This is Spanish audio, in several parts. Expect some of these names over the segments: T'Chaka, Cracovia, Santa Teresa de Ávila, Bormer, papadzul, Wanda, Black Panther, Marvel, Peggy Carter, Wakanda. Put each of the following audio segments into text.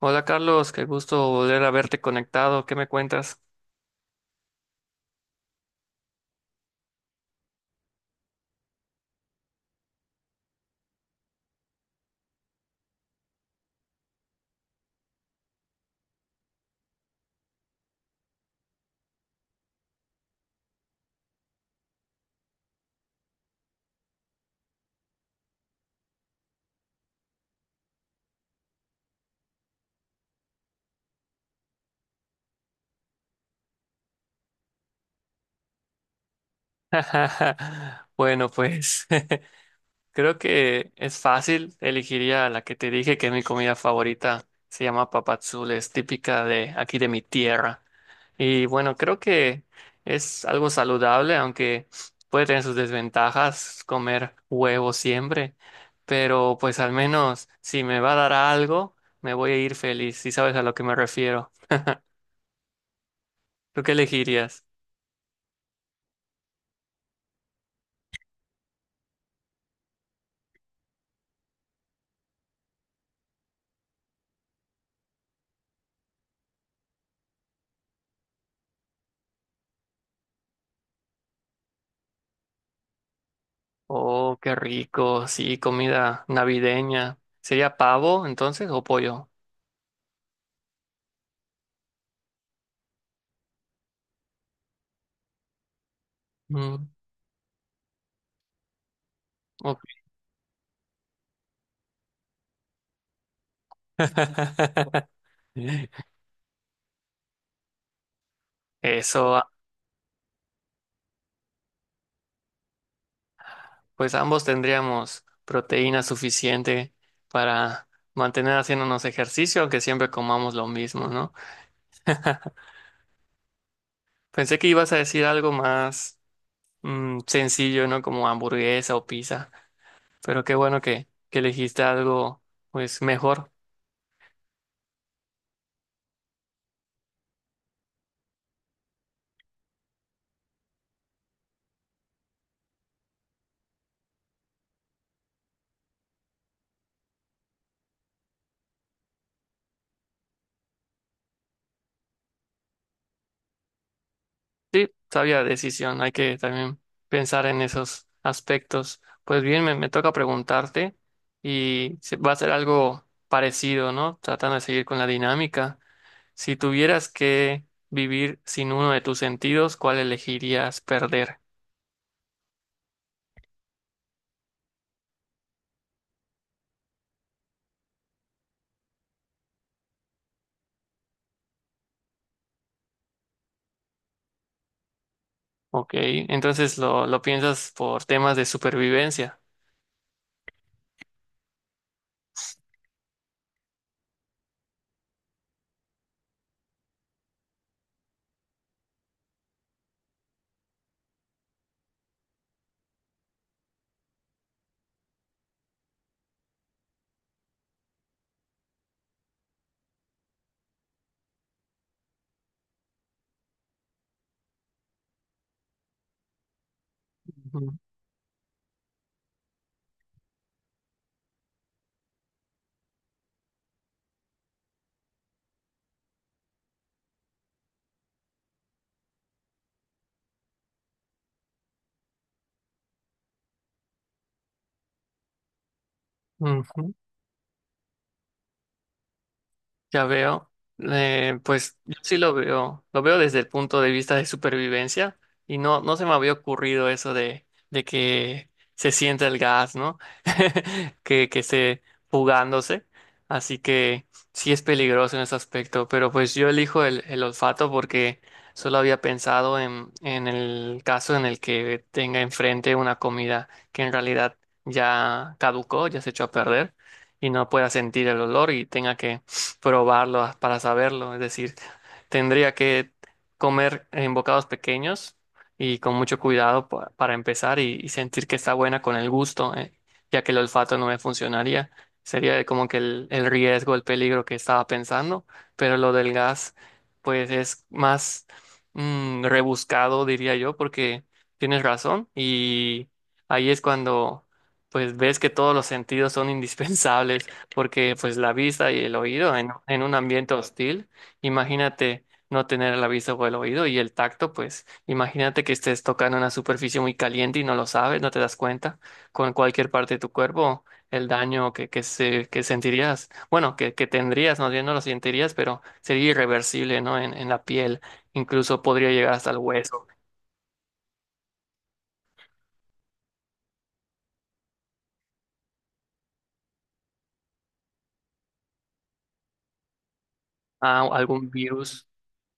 Hola Carlos, qué gusto volver a verte conectado. ¿Qué me cuentas? Bueno, pues creo que es fácil. Elegiría la que te dije que es mi comida favorita. Se llama papadzul, es típica de aquí de mi tierra. Y bueno, creo que es algo saludable, aunque puede tener sus desventajas comer huevo siempre. Pero pues al menos si me va a dar algo, me voy a ir feliz, si sabes a lo que me refiero. ¿Tú qué elegirías? Oh, qué rico. Sí, comida navideña. ¿Sería pavo entonces o pollo? Mm, ok. Eso, pues ambos tendríamos proteína suficiente para mantener haciéndonos ejercicio, aunque siempre comamos lo mismo, ¿no? Pensé que ibas a decir algo más sencillo, ¿no? Como hamburguesa o pizza, pero qué bueno que elegiste algo pues mejor. Sí, sabia decisión, hay que también pensar en esos aspectos. Pues bien, me toca preguntarte y va a ser algo parecido, ¿no? Tratando de seguir con la dinámica. Si tuvieras que vivir sin uno de tus sentidos, ¿cuál elegirías perder? Ok, entonces lo piensas por temas de supervivencia. Ujú. Ujú. Ya veo, pues yo sí lo veo desde el punto de vista de supervivencia y no, no se me había ocurrido eso de que se sienta el gas, ¿no? Que esté fugándose, así que sí es peligroso en ese aspecto, pero pues yo elijo el olfato porque solo había pensado en el caso en el que tenga enfrente una comida que en realidad ya caducó, ya se echó a perder y no pueda sentir el olor y tenga que para saberlo. Es decir, tendría que comer en bocados pequeños y con mucho cuidado para empezar y sentir que está buena con el gusto, ya que el olfato no me funcionaría. Sería como que el riesgo, el peligro que estaba pensando, pero lo del gas, pues es más rebuscado, diría yo, porque tienes razón y ahí es cuando pues ves que todos los sentidos son indispensables porque pues la vista y el oído en un ambiente hostil, imagínate no tener la vista o el oído y el tacto, pues imagínate que estés tocando una superficie muy caliente y no lo sabes, no te das cuenta con cualquier parte de tu cuerpo, el daño que sentirías, bueno, que tendrías, no, no lo sentirías, pero sería irreversible, ¿no? En la piel, incluso podría llegar hasta el hueso. Ah, algún virus,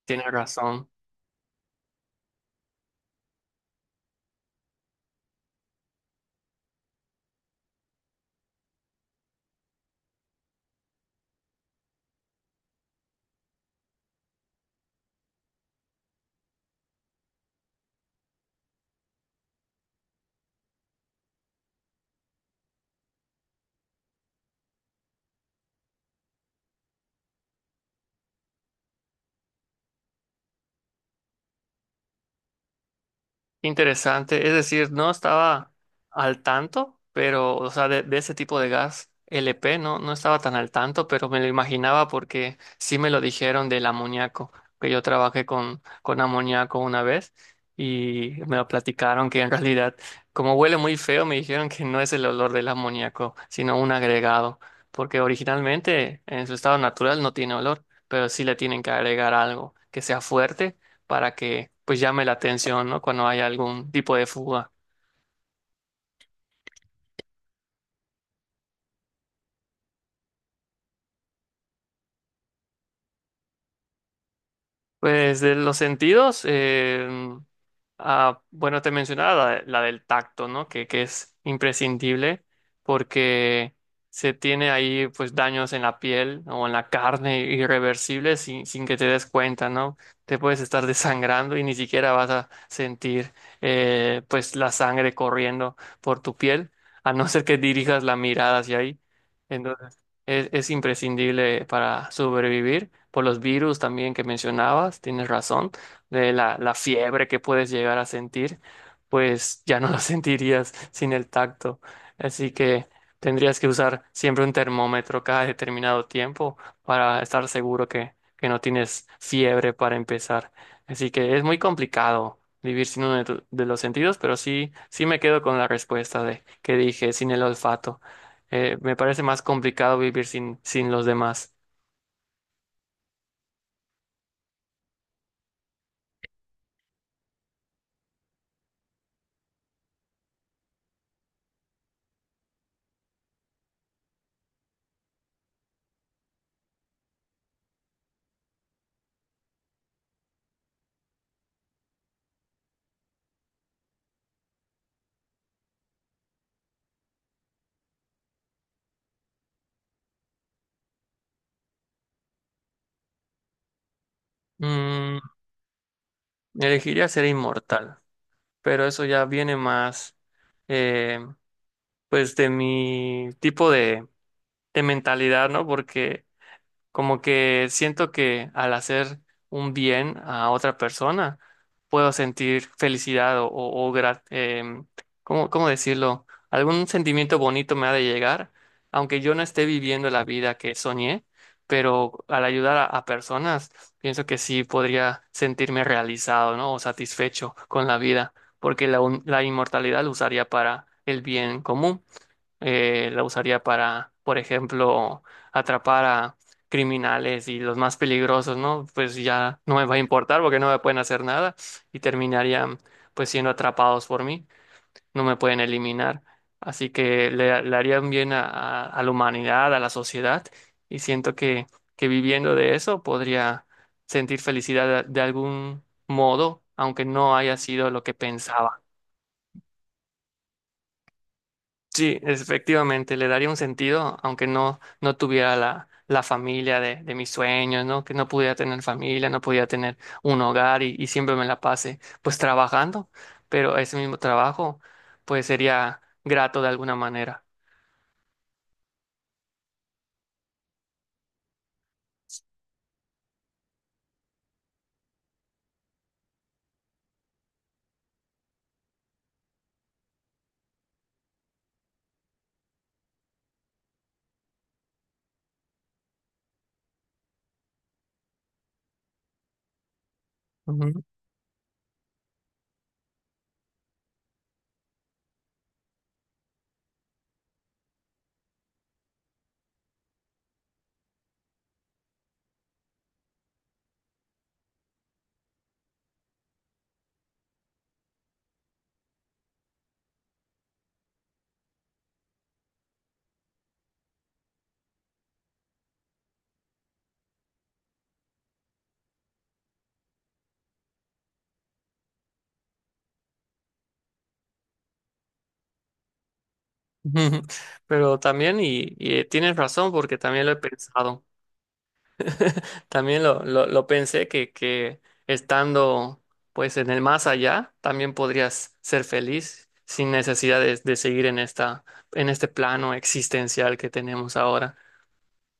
tiene razón. Interesante, es decir, no estaba al tanto, pero, o sea, de ese tipo de gas LP no, no estaba tan al tanto, pero me lo imaginaba porque sí me lo dijeron del amoníaco, que yo trabajé con amoníaco una vez y me lo platicaron que en realidad, como huele muy feo, me dijeron que no es el olor del amoníaco, sino un agregado, porque originalmente en su estado natural no tiene olor, pero sí le tienen que agregar algo que sea fuerte para que pues llame la atención, ¿no? Cuando hay algún tipo de fuga. Pues de los sentidos, ah, bueno, te mencionaba la del tacto, ¿no? Que es imprescindible porque se tiene ahí pues daños en la piel o en la carne irreversibles sin, sin que te des cuenta, ¿no? Te puedes estar desangrando y ni siquiera vas a sentir pues la sangre corriendo por tu piel, a no ser que dirijas la mirada hacia ahí. Entonces, es imprescindible para sobrevivir. Por los virus también que mencionabas, tienes razón de la fiebre que puedes llegar a sentir, pues ya no la sentirías sin el tacto. Así que tendrías que usar siempre un termómetro cada determinado tiempo para estar seguro que no tienes fiebre para empezar. Así que es muy complicado vivir sin uno de, de los sentidos, pero sí, sí me quedo con la respuesta de que dije, sin el olfato. Me parece más complicado vivir sin, sin los demás. Mm, elegiría ser inmortal, pero eso ya viene más eh, pues de mi tipo de mentalidad, ¿no? Porque como que siento que al hacer un bien a otra persona, puedo sentir felicidad o em, ¿cómo, cómo decirlo? Algún sentimiento bonito me ha de llegar, aunque yo no esté viviendo la vida que soñé, pero al ayudar a personas, pienso que sí podría sentirme realizado, ¿no? O satisfecho con la vida, porque la inmortalidad lo usaría para el bien común la usaría para, por ejemplo, atrapar a criminales y los más peligrosos, ¿no? Pues ya no me va a importar porque no me pueden hacer nada y terminarían pues siendo atrapados por mí, no me pueden eliminar. Así que le harían bien a, a la humanidad, a la sociedad y siento que viviendo de eso podría sentir felicidad de algún modo, aunque no haya sido lo que pensaba. Sí, efectivamente, le daría un sentido, aunque no, no tuviera la familia de mis sueños, ¿no? Que no pudiera tener familia, no podía tener un hogar y siempre me la pase pues trabajando, pero ese mismo trabajo pues sería grato de alguna manera. Ujú. Pero también, y tienes razón porque también lo he pensado. También lo pensé que estando pues en el más allá, también podrías ser feliz sin necesidad de seguir en esta, en este plano existencial que tenemos ahora.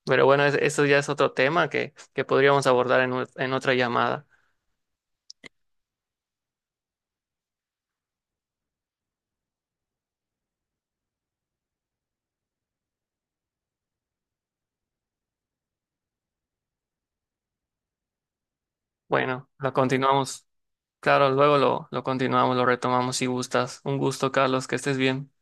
Pero bueno, eso ya es otro tema que podríamos abordar en, en otra llamada. Bueno, lo continuamos. Claro, luego lo continuamos, lo retomamos si gustas. Un gusto, Carlos, que estés bien.